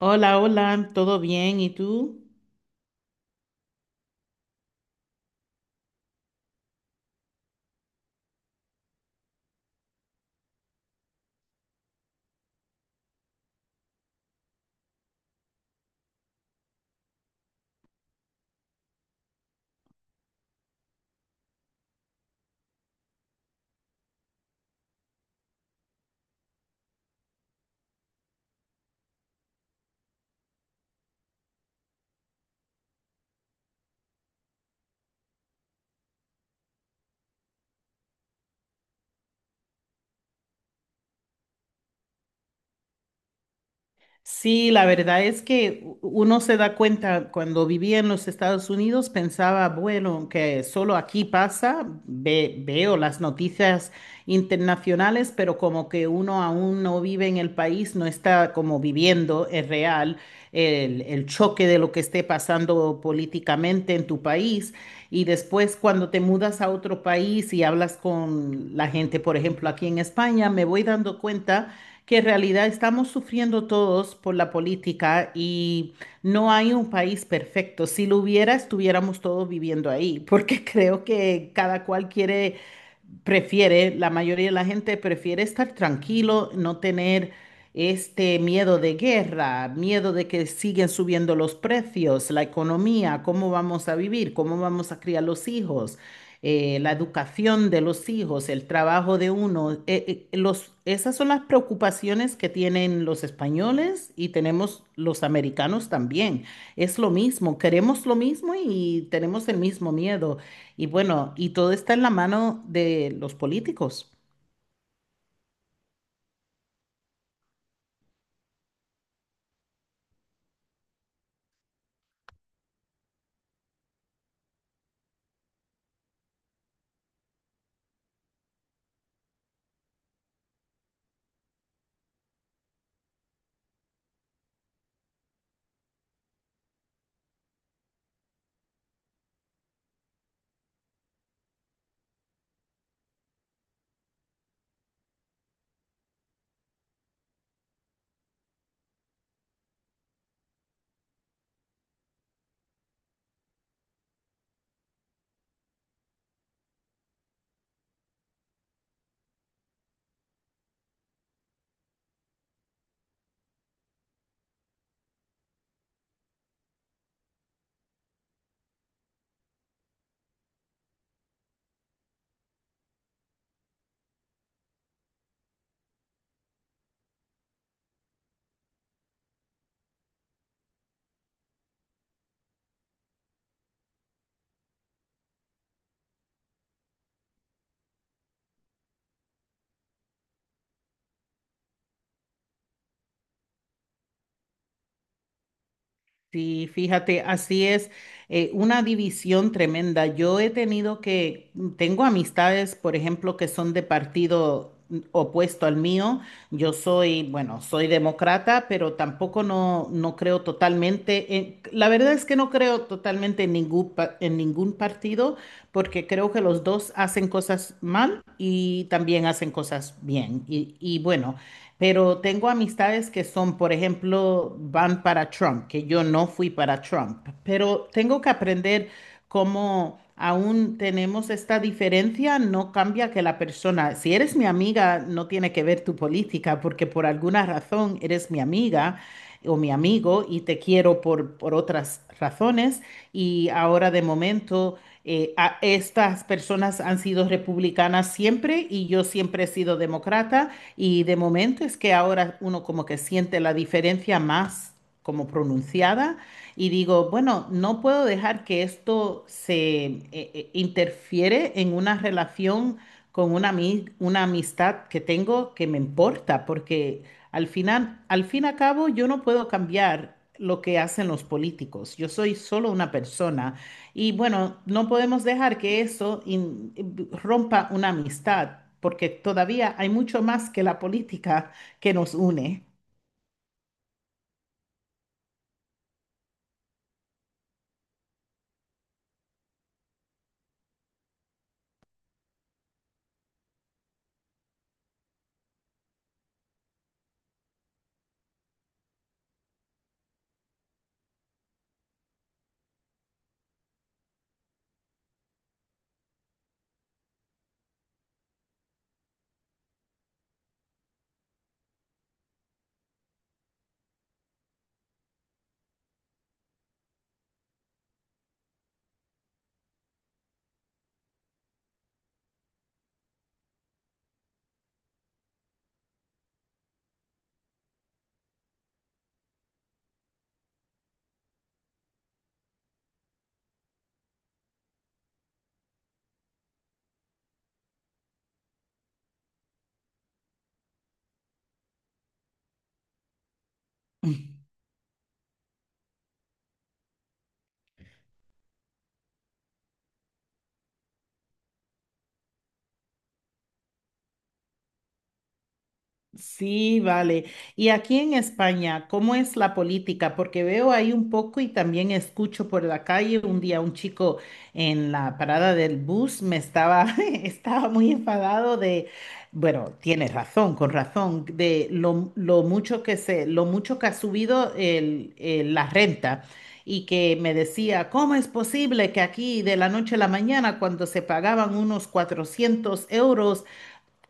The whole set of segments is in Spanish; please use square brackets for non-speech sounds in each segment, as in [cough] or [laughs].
Hola, hola, ¿todo bien? ¿Y tú? Sí, la verdad es que uno se da cuenta cuando vivía en los Estados Unidos, pensaba, bueno, que solo aquí pasa, veo las noticias internacionales, pero como que uno aún no vive en el país, no está como viviendo, es real, el choque de lo que esté pasando políticamente en tu país. Y después cuando te mudas a otro país y hablas con la gente, por ejemplo, aquí en España, me voy dando cuenta que en realidad estamos sufriendo todos por la política y no hay un país perfecto. Si lo hubiera, estuviéramos todos viviendo ahí, porque [laughs] creo que cada cual quiere prefiere, la mayoría de la gente prefiere estar tranquilo, no tener este miedo de guerra, miedo de que siguen subiendo los precios, la economía, cómo vamos a vivir, cómo vamos a criar los hijos, la educación de los hijos, el trabajo de uno. Esas son las preocupaciones que tienen los españoles y tenemos los americanos también. Es lo mismo, queremos lo mismo y tenemos el mismo miedo. Y bueno, y todo está en la mano de los políticos. Sí, fíjate, así es, una división tremenda. Yo he tenido que, tengo amistades, por ejemplo, que son de partido, opuesto al mío. Yo soy, bueno, soy demócrata, pero tampoco no creo totalmente, la verdad es que no creo totalmente en ningún partido, porque creo que los dos hacen cosas mal y también hacen cosas bien. Y bueno. Pero tengo amistades que son, por ejemplo, van para Trump, que yo no fui para Trump, pero tengo que aprender cómo aún tenemos esta diferencia, no cambia que la persona, si eres mi amiga, no tiene que ver tu política, porque por alguna razón eres mi amiga o mi amigo y te quiero por otras razones. Y ahora de momento, estas personas han sido republicanas siempre y yo siempre he sido demócrata. Y de momento es que ahora uno como que siente la diferencia más como pronunciada y digo, bueno, no puedo dejar que esto se interfiere en una relación con una amistad que tengo que me importa, porque al final, al fin y al cabo, yo no puedo cambiar lo que hacen los políticos. Yo soy solo una persona y bueno, no podemos dejar que eso rompa una amistad, porque todavía hay mucho más que la política que nos une. Sí, vale. Y aquí en España, ¿cómo es la política? Porque veo ahí un poco y también escucho por la calle. Un día un chico en la parada del bus me estaba, [laughs] estaba muy enfadado de, bueno, tiene razón, con razón, de lo mucho que se, lo mucho que ha subido la renta. Y que me decía, ¿cómo es posible que aquí de la noche a la mañana, cuando se pagaban unos 400 euros,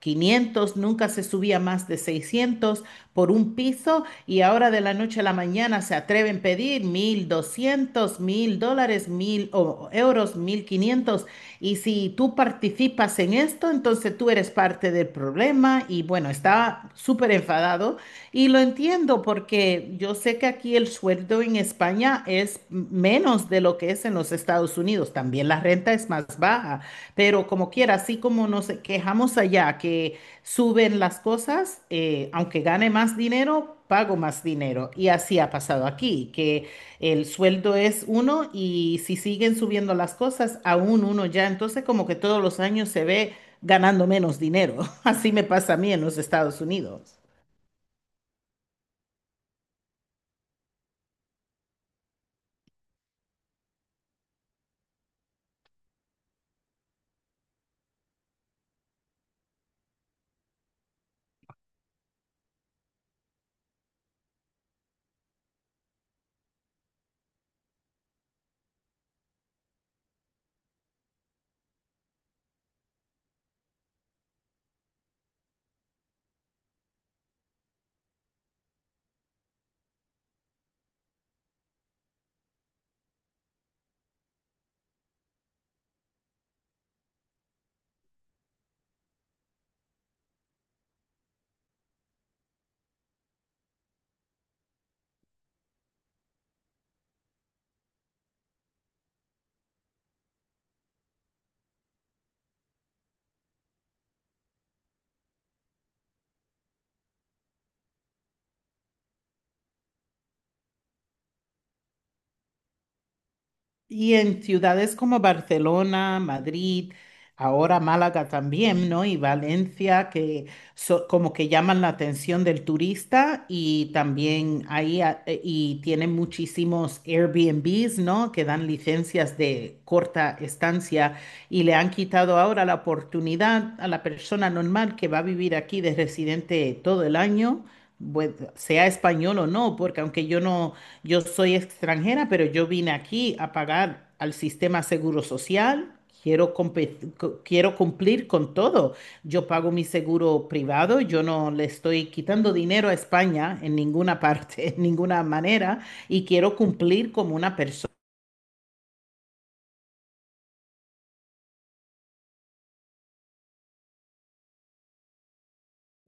quinientos, nunca se subía más de 600 por un piso, y ahora de la noche a la mañana se atreven a pedir 1200, 1000 dólares, euros, 1500? Y si tú participas en esto, entonces tú eres parte del problema. Y bueno, estaba súper enfadado y lo entiendo porque yo sé que aquí el sueldo en España es menos de lo que es en los Estados Unidos, también la renta es más baja. Pero como quiera, así como nos quejamos allá que suben las cosas, aunque gane más dinero, pago más dinero. Y así ha pasado aquí, que el sueldo es uno y si siguen subiendo las cosas, aún uno ya. Entonces como que todos los años se ve ganando menos dinero. [laughs] Así me pasa a mí en los Estados Unidos. Y en ciudades como Barcelona, Madrid, ahora Málaga también, ¿no? Y Valencia, que como que llaman la atención del turista y también ahí, y tienen muchísimos Airbnbs, ¿no? Que dan licencias de corta estancia y le han quitado ahora la oportunidad a la persona normal que va a vivir aquí de residente todo el año, pues, sea español o no, porque aunque yo no, yo soy extranjera, pero yo vine aquí a pagar al sistema Seguro Social. Quiero, quiero cumplir con todo. Yo pago mi seguro privado, yo no le estoy quitando dinero a España en ninguna parte, [laughs] en ninguna manera, y quiero cumplir como una persona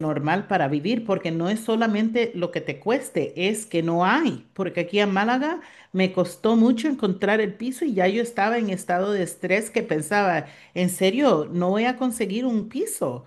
normal para vivir, porque no es solamente lo que te cueste, es que no hay, porque aquí en Málaga me costó mucho encontrar el piso y ya yo estaba en estado de estrés que pensaba, en serio, no voy a conseguir un piso.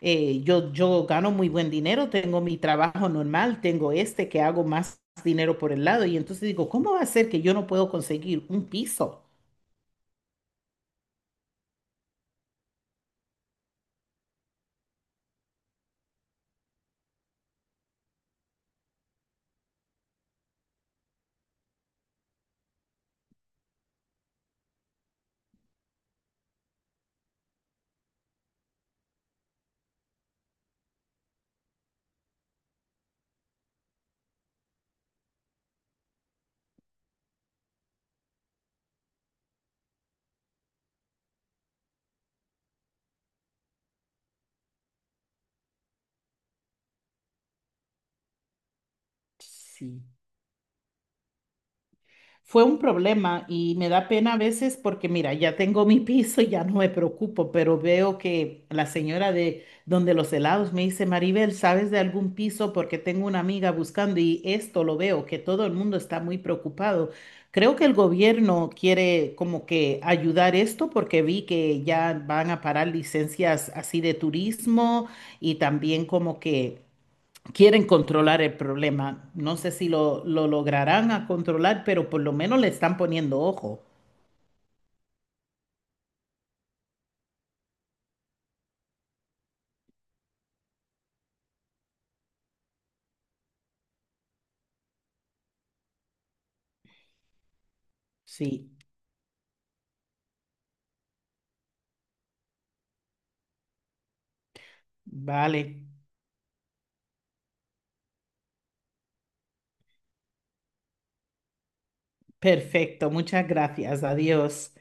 Yo gano muy buen dinero, tengo mi trabajo normal, tengo este que hago más dinero por el lado y entonces digo, ¿cómo va a ser que yo no puedo conseguir un piso? Sí, fue un problema y me da pena a veces porque, mira, ya tengo mi [laughs] piso y ya no me preocupo, pero veo que la señora de donde los helados me dice, Maribel, ¿sabes de algún piso? Porque tengo una amiga buscando y esto lo veo, que todo el mundo está muy preocupado. Creo que el gobierno quiere como que ayudar esto porque vi que ya van a parar licencias así de turismo y también como que quieren controlar el problema. No sé si lo lograrán a controlar, pero por lo menos le están poniendo ojo. Sí, vale. Perfecto. Muchas gracias. Adiós.